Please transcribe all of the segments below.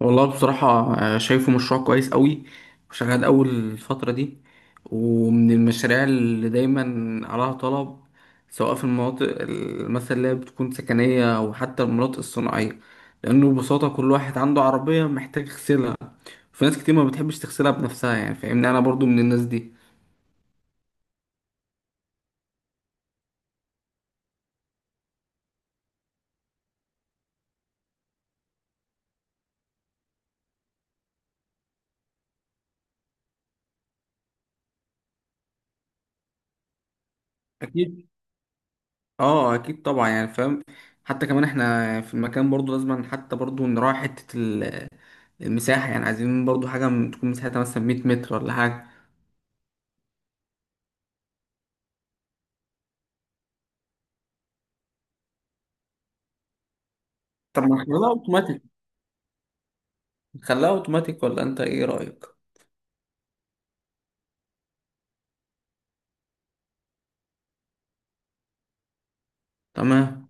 والله بصراحة. شايفه مشروع كويس قوي، وشغال أول الفترة دي، ومن المشاريع اللي دايما عليها طلب، سواء في المناطق مثلا اللي هي بتكون سكنية أو حتى المناطق الصناعية، لأنه ببساطة كل واحد عنده عربية محتاج يغسلها. في ناس كتير ما بتحبش تغسلها بنفسها، يعني فاهمني أنا برضو من الناس دي. أكيد. أكيد طبعا، يعني فاهم. حتى كمان احنا في المكان برضو لازم حتى برضو نراعي حتة المساحة، يعني عايزين برضو حاجة تكون مساحتها مثلا 100 متر ولا حاجة. طب ما نخليها اوتوماتيك. نخليها اوتوماتيك ولا انت ايه رأيك؟ تمام.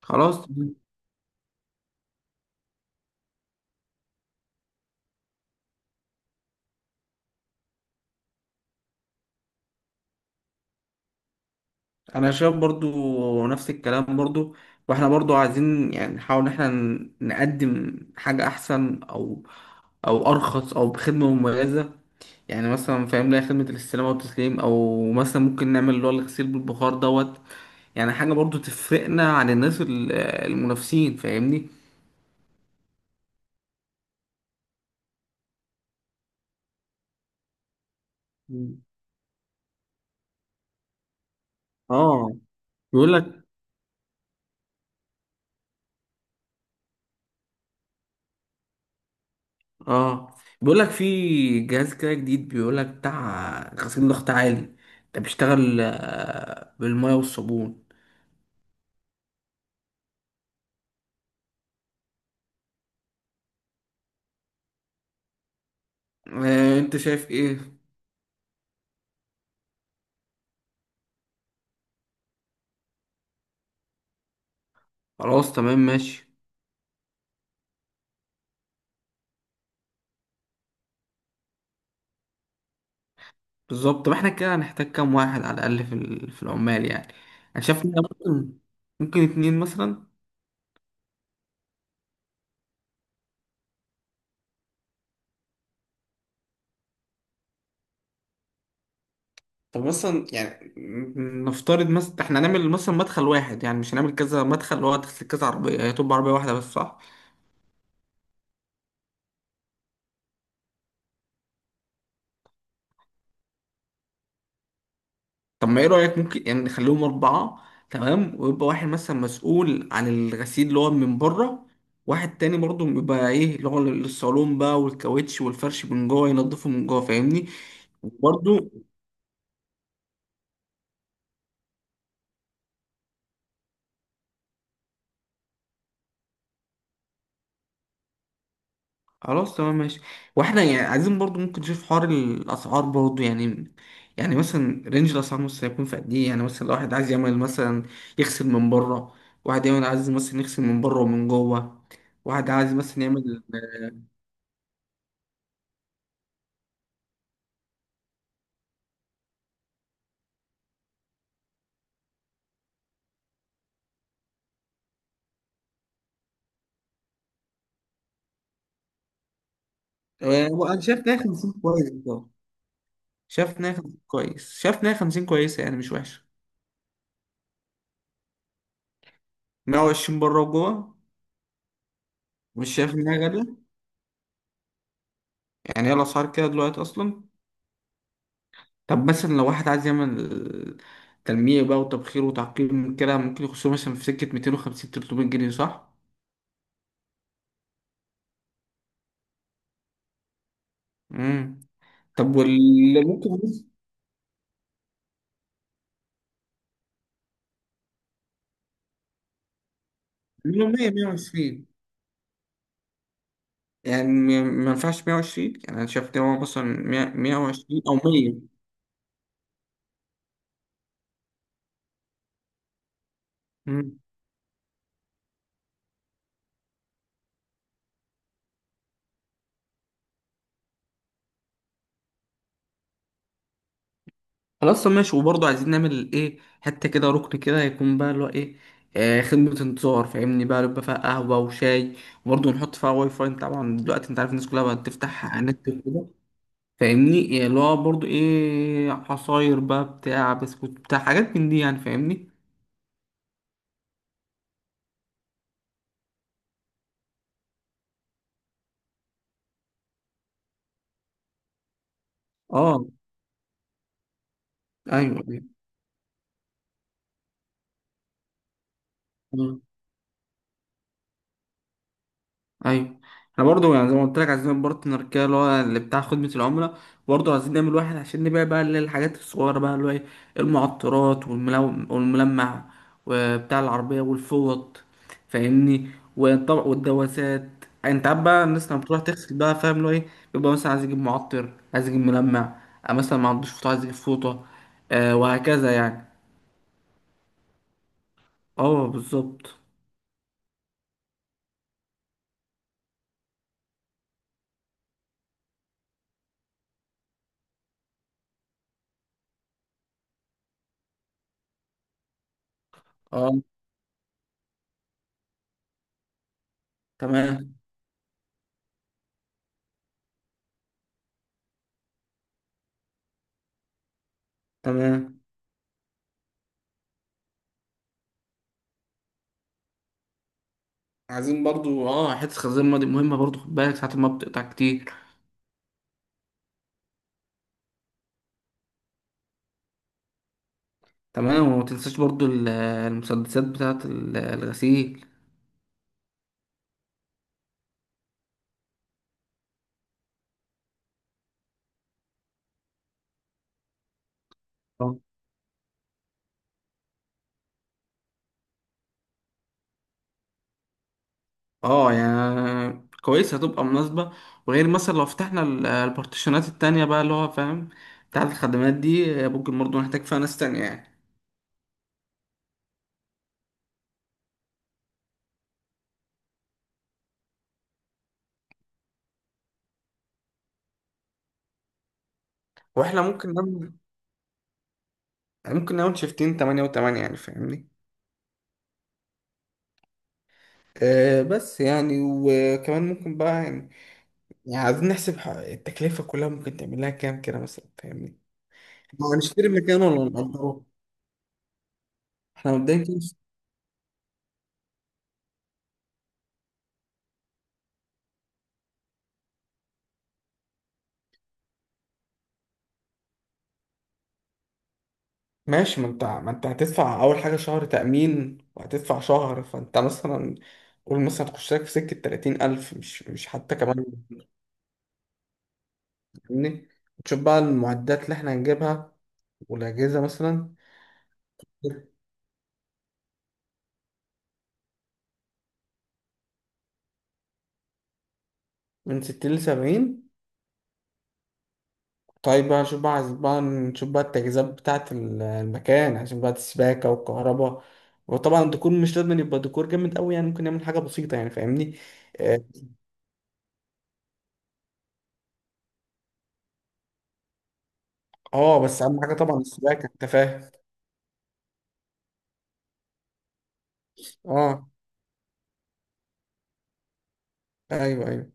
خلاص تمام. انا شايف برضو نفس الكلام برضو، واحنا برضو عايزين يعني نحاول ان احنا نقدم حاجة احسن، او ارخص او بخدمة مميزة. يعني مثلا فاهم لها خدمة الاستلام والتسليم، او مثلا ممكن نعمل اللي هو الغسيل بالبخار دوت. يعني حاجة برضو تفرقنا عن الناس المنافسين، فاهمني؟ مم. اه بيقول لك اه بيقول لك في جهاز كده جديد، بيقول لك بتاع غسيل ضغط عالي. ده بيشتغل بالميه والصابون. انت شايف ايه؟ خلاص تمام ماشي. بالظبط. طب احنا كده هنحتاج كام واحد على الاقل في في العمال يعني؟ انا شايف إن ممكن اتنين مثلا. طب مثلا يعني نفترض مثلا احنا هنعمل مثلا مدخل واحد، يعني مش هنعمل كذا مدخل اللي هو هتغسل كذا عربيه، هي تبقى عربيه واحده بس، صح؟ طب ما ايه رأيك ممكن يعني نخليهم أربعة. تمام، ويبقى واحد مثلا مسؤول عن الغسيل اللي هو من بره، واحد تاني برضه بيبقى ايه اللي هو الصالون بقى والكاوتش والفرش من جوه ينضفه من جوه، فاهمني؟ وبرضه خلاص تمام ماشي. واحنا يعني عايزين برضه ممكن نشوف حوار الأسعار برضه يعني. يعني مثلا رينج الأسعار مثلا هيكون في قد ايه يعني؟ مثلا لو واحد عايز يعمل مثلا يغسل من بره، واحد يعمل عايز مثلا يغسل من بره ومن جوه، واحد عايز مثلا يعمل. وأنا شايف إن هي 50 كويس، شاف ان هي 50 كويس، شاف ان هي 50 كويسه يعني مش وحشه. 120 بره وجوه. مش شايف ان هي غاليه، يعني هي الاسعار كده دلوقتي اصلا. طب مثلا لو واحد عايز يعمل تلميع بقى وتبخير وتعقيم كده، ممكن يخش مثلا في سكه 250 300 جنيه، صح؟ امم طب واللي ممكن يخش منه 100 120، يعني ما ينفعش 120. يعني انا شايف ان هو مثلا 100 120 او 100. خلاص، طب ماشي. وبرضه عايزين نعمل ايه حتة كده، ركن كده يكون بقى اللي هو ايه، خدمة انتظار، فاهمني بقى، يبقى فيها قهوة وشاي. وبرضه نحط فيها واي فاي. انت طبعا دلوقتي انت عارف الناس كلها بقت تفتح نت وكده، فاهمني؟ يعني اللي هو برضه ايه عصاير بقى، بتاع بسكوت، بتاع حاجات من دي، يعني فاهمني. اه، ايوه ايوه. آه. ايوه. احنا برضو يعني زي ما قلت لك عايزين بارتنر كده اللي هو اللي بتاع خدمة العملاء، برضو عايزين نعمل واحد عشان نبيع بقى اللي هي الحاجات الصغيرة بقى، اللي هو ايه والملمع وبتاع العربية والفوط، فاهمني؟ والطبق والدواسات. انت عارف بقى الناس لما بتروح تغسل بقى، فاهم اللي هو ايه، بيبقى مثلا عايز يجيب معطر، عايز يجيب ملمع، مثلا ما عندوش فوطة عايز يجيب فوطة، وهكذا يعني. اه بالظبط. اه تمام تمام. عايزين برضو حته الخزيمه دي مهمه برضو، خد بالك ساعه ما بتقطع كتير. تمام، وما تنساش برضو المسدسات بتاعه الغسيل. آه. اه. يعني كويس هتبقى مناسبة. وغير مثلا لو فتحنا البارتيشنات التانية بقى اللي هو فاهم بتاعة الخدمات دي، ممكن برضه نحتاج فيها ناس تانية يعني. واحنا ممكن نعمل، شيفتين تمانية وتمانية يعني فاهمني. بس يعني، وكمان ممكن بقى يعني، يعني عايزين نحسب التكلفة كلها، ممكن تعمل لها كام كده مثلا فاهمني؟ ما هو نشتري مكان ولا نأجره؟ احنا مبدئيا كده ماشي. ما انت هتدفع اول حاجه شهر تامين وهتدفع شهر، فانت مثلا قول مثلا تخش لك في سكه 30,000، مش حتى كمان. فاهمني؟ تشوف بقى المعدات اللي احنا هنجيبها والاجهزه مثلا، من 60 ل 70. طيب بقى نشوف بقى عايز بقى نشوف بقى التجهيزات بتاعة المكان، عشان بقى السباكة والكهرباء، وطبعا الديكور مش لازم يبقى ديكور جامد قوي يعني، ممكن نعمل حاجة بسيطة يعني فاهمني. آه، اه بس اهم حاجه طبعا السباكه، انت فاهم. اه ايوه ايوه.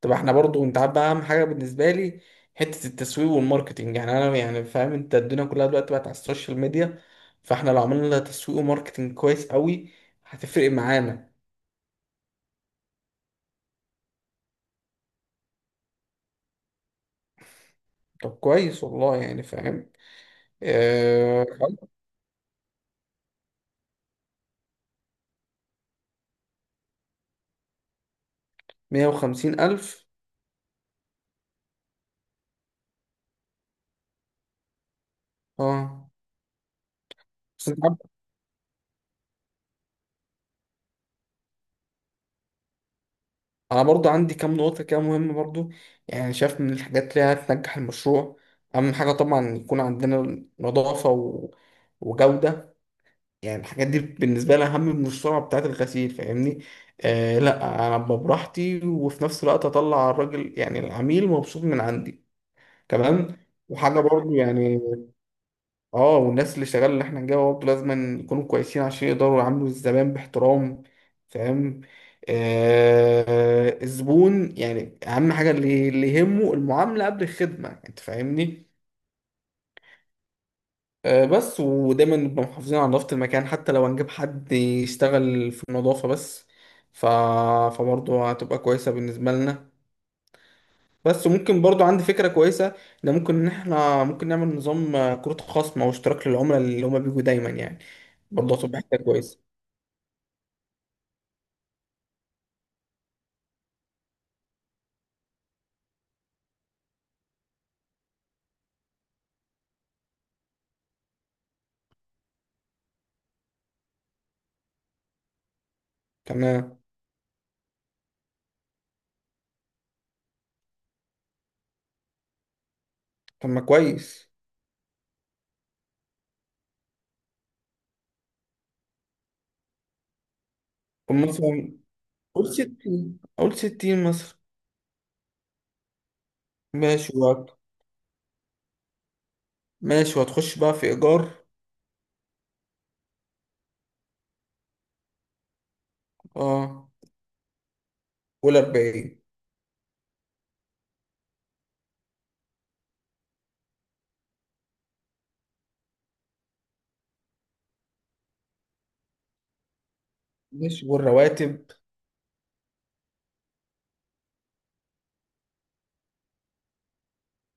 طب احنا برضو انت عارف بقى اهم حاجه بالنسبه لي حته التسويق والماركتنج، يعني انا يعني فاهم انت الدنيا كلها دلوقتي بقت على السوشيال ميديا، فاحنا لو عملنا تسويق وماركتنج كويس قوي هتفرق معانا. طب كويس والله يعني فاهم. آه 150 ألف. اه انا برضو عندي كام نقطة كده مهمة برضو، يعني شايف من الحاجات اللي هتنجح المشروع، اهم حاجة طبعا يكون عندنا نظافة وجودة. يعني الحاجات دي بالنسبة لي اهم من السرعة بتاعة الغسيل فاهمني. لا انا ابقى براحتي وفي نفس الوقت اطلع الراجل يعني العميل مبسوط من عندي. تمام. وحاجة برضو يعني اه والناس اللي شغاله اللي احنا نجيبها برضه لازم يكونوا كويسين عشان يقدروا يعاملوا الزبائن باحترام، فاهم؟ الزبون يعني اهم حاجه اللي يهمه المعامله قبل الخدمه، انت فاهمني؟ بس ودايما نبقى محافظين على نظافه المكان، حتى لو هنجيب حد يشتغل في النظافه بس. ف... فبرضه هتبقى كويسه بالنسبه لنا. بس ممكن برضو عندي فكرة كويسة ان ممكن ان احنا ممكن نعمل نظام كروت خصم او اشتراك للعملاء اللي هما بيجوا دايما يعني. برضه هتبقى حاجة كويسة. تمام. طب ما كويس. طب مثلا قول 60 مثلا. ماشي وقت. ماشي وهتخش بقى في ايجار. اه، قول 40 ماشي والرواتب.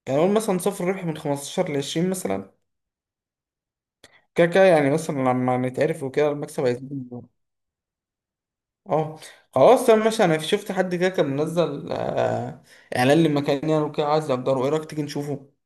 يعني قول مثلا صفر ربح من 15 لعشرين مثلا. كده كده يعني مثلا لما نتعرف وكده المكسب هيزيد. اه خلاص تمام ماشي. انا شفت حد كده كان منزل اعلان لمكان يعني وكده، عايز اجره. ايه رايك تيجي نشوفه؟